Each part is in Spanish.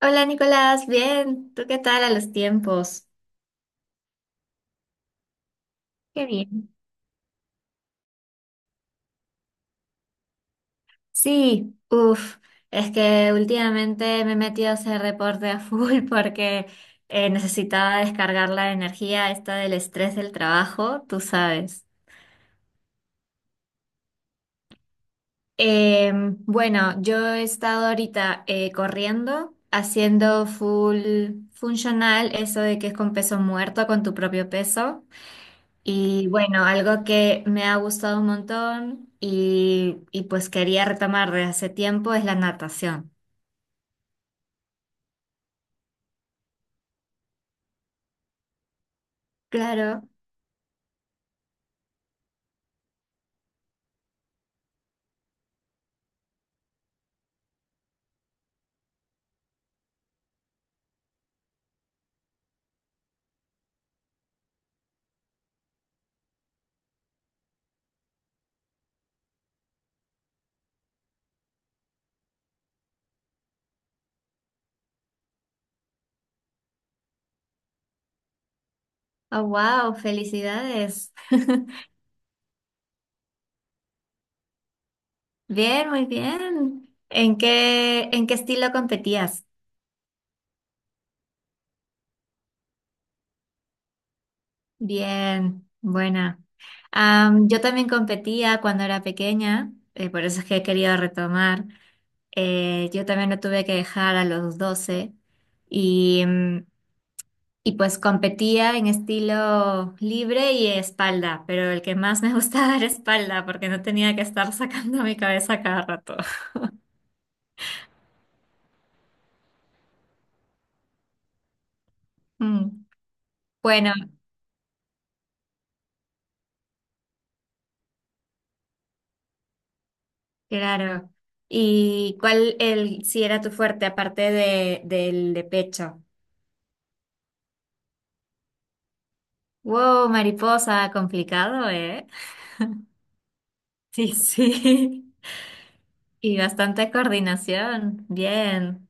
Hola Nicolás, bien, ¿tú qué tal a los tiempos? Qué bien. Sí, uff, es que últimamente me he metido a hacer reporte a full porque necesitaba descargar la energía esta del estrés del trabajo, tú sabes. Bueno, yo he estado ahorita corriendo, haciendo full funcional, eso de que es con peso muerto, con tu propio peso. Y bueno, algo que me ha gustado un montón y pues quería retomar de hace tiempo es la natación. Claro. Oh, wow, felicidades. Bien, muy bien. ¿En qué estilo competías? Bien, buena. Yo también competía cuando era pequeña, por eso es que he querido retomar. Yo también lo tuve que dejar a los 12 y y pues competía en estilo libre y espalda, pero el que más me gustaba era espalda porque no tenía que estar sacando mi cabeza cada rato. Mm. Bueno, claro. ¿Y cuál el si era tu fuerte aparte de del de pecho? Wow, mariposa, complicado, ¿eh? Sí, sí. Y bastante coordinación. Bien.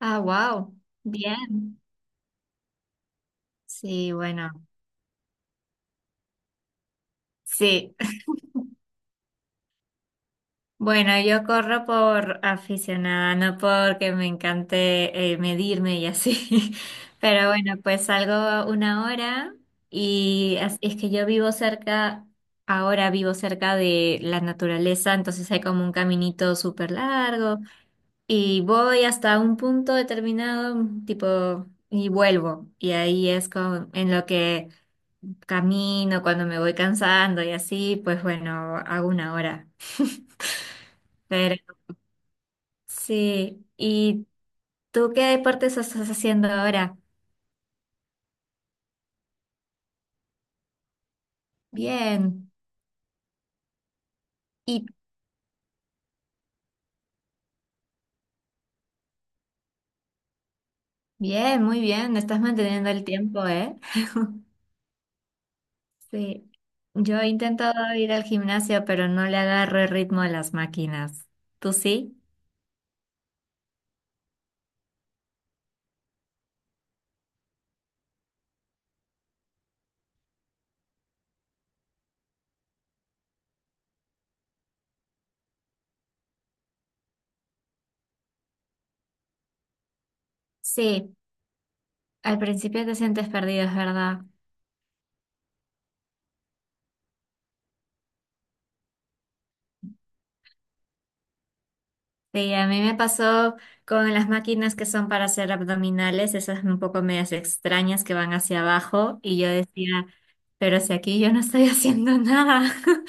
Ah, wow. Bien. Sí, bueno. Sí. Bueno, yo corro por aficionada, no porque me encante medirme y así. Pero bueno, pues salgo una hora y es que yo vivo cerca, ahora vivo cerca de la naturaleza, entonces hay como un caminito súper largo y voy hasta un punto determinado, tipo, y vuelvo. Y ahí es en lo que camino, cuando me voy cansando y así, pues bueno, hago una hora. Sí, ¿y tú qué deportes estás haciendo ahora? Bien, y bien, muy bien, estás manteniendo el tiempo, ¿eh? Sí, yo he intentado ir al gimnasio, pero no le agarro el ritmo a las máquinas. ¿Tú sí? Sí, al principio te sientes perdido, es verdad. Sí, a mí me pasó con las máquinas que son para hacer abdominales, esas un poco medias extrañas que van hacia abajo, y yo decía, pero si aquí yo no estoy haciendo nada.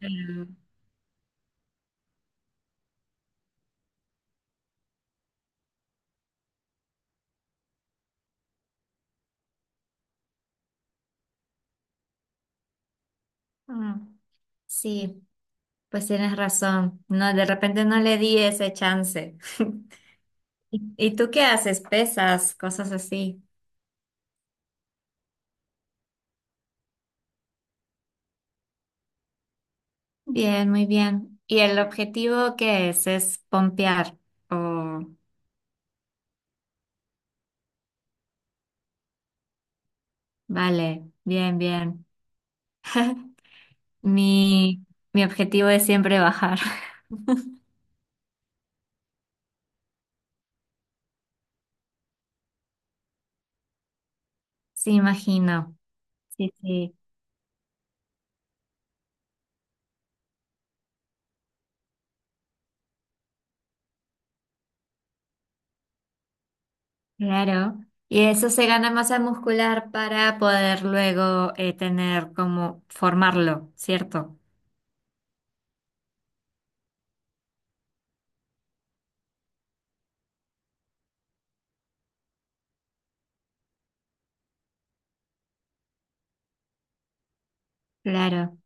Pero, mm, sí, pues tienes razón. No, de repente no le di ese chance. ¿Y tú qué haces? Pesas, cosas así. Bien, muy bien. ¿Y el objetivo qué es? ¿Es pompear? O, vale, bien, bien. Mi, Mi objetivo es siempre bajar. Sí, imagino. Sí, sí, claro. Y eso se gana masa muscular para poder luego tener como formarlo, ¿cierto? Claro.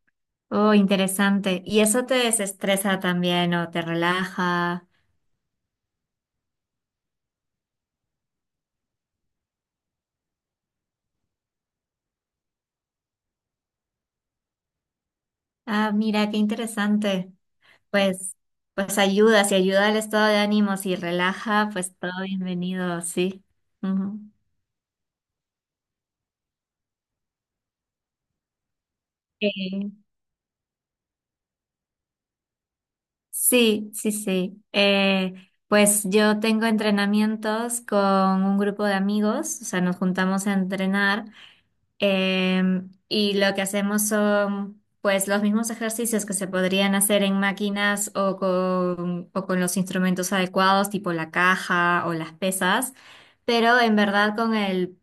Oh, interesante. ¿Y eso te desestresa también o te relaja? Ah, mira, qué interesante. Pues, pues ayuda, si ayuda al estado de ánimo, si relaja, pues todo bienvenido, sí. Ujú. Eh, Sí, sí, sí. Pues yo tengo entrenamientos con un grupo de amigos, o sea, nos juntamos a entrenar. Y lo que hacemos son pues los mismos ejercicios que se podrían hacer en máquinas o con los instrumentos adecuados, tipo la caja o las pesas, pero en verdad con el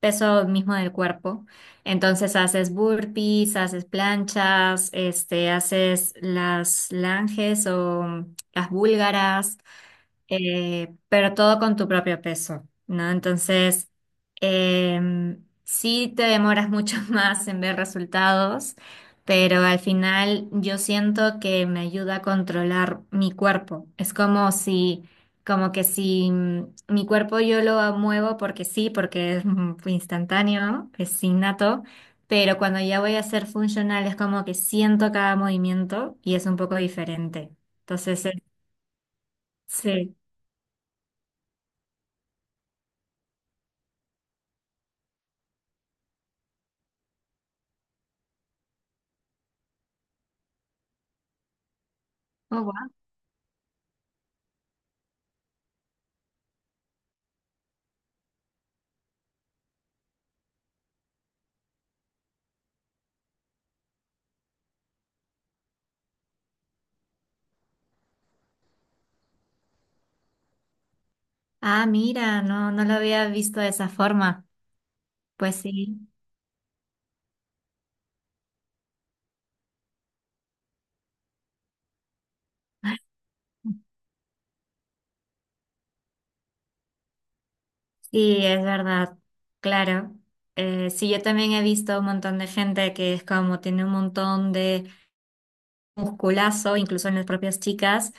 peso mismo del cuerpo. Entonces haces burpees, haces planchas, este, haces las langes o las búlgaras, pero todo con tu propio peso, ¿no? Entonces, sí te demoras mucho más en ver resultados, pero al final yo siento que me ayuda a controlar mi cuerpo. Es como si, como que si mi cuerpo yo lo muevo porque sí, porque es instantáneo, es innato. Pero cuando ya voy a ser funcional es como que siento cada movimiento y es un poco diferente. Entonces, sí. Ah, mira, no, no lo había visto de esa forma. Pues sí, sí, es verdad, claro. Sí, yo también he visto un montón de gente que es como tiene un montón de musculazo, incluso en las propias chicas,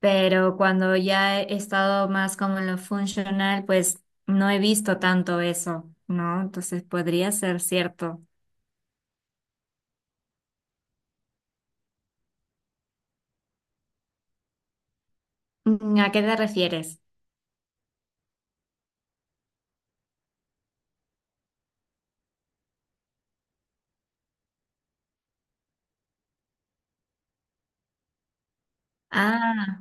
pero cuando ya he estado más como en lo funcional, pues no he visto tanto eso, ¿no? Entonces podría ser cierto. Mm, ¿a qué te refieres? Ah,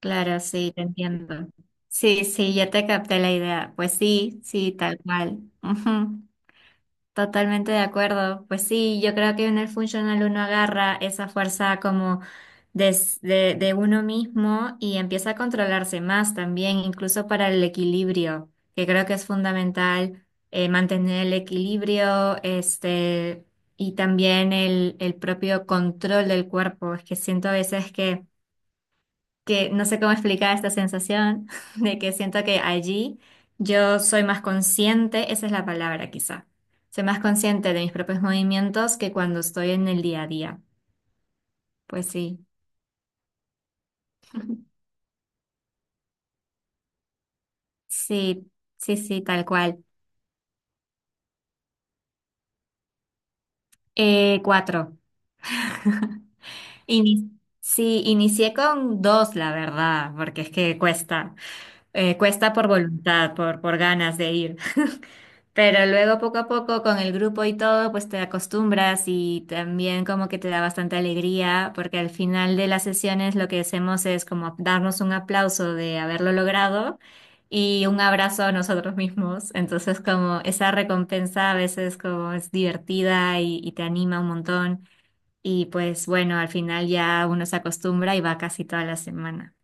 claro, sí, te entiendo. Sí, sí, ya te capté la idea. Pues sí, sí, tal cual. Ujú, totalmente de acuerdo. Pues sí, yo creo que en el funcional uno agarra esa fuerza como de uno mismo y empieza a controlarse más también, incluso para el equilibrio, que creo que es fundamental mantener el equilibrio, este, y también el propio control del cuerpo. Es que siento a veces que no sé cómo explicar esta sensación de que siento que allí yo soy más consciente, esa es la palabra quizá. Soy más consciente de mis propios movimientos que cuando estoy en el día a día. Pues sí, sí, sí, sí, tal cual. Cuatro. Ini- sí, inicié con dos, la verdad, porque es que cuesta. Cuesta por voluntad, por ganas de ir. Pero luego poco a poco con el grupo y todo, pues te acostumbras y también como que te da bastante alegría, porque al final de las sesiones lo que hacemos es como darnos un aplauso de haberlo logrado y un abrazo a nosotros mismos. Entonces como esa recompensa a veces como es divertida y te anima un montón. Y pues bueno, al final ya uno se acostumbra y va casi toda la semana.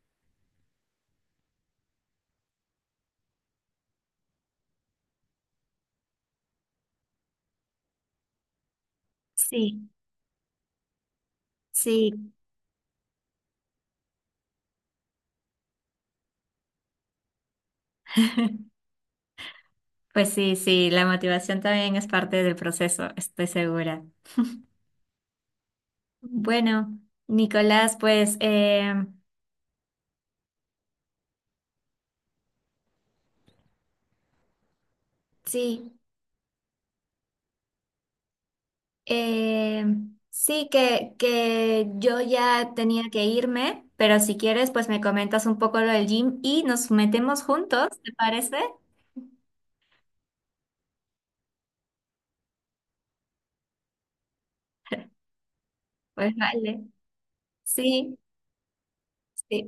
Sí, sí. Pues sí, sí, la motivación también es parte del proceso, estoy segura. Bueno, Nicolás, pues sí, eh, sí que yo ya tenía que irme, pero si quieres, pues me comentas un poco lo del gym y nos metemos juntos, ¿te parece? Pues vale, sí, sí.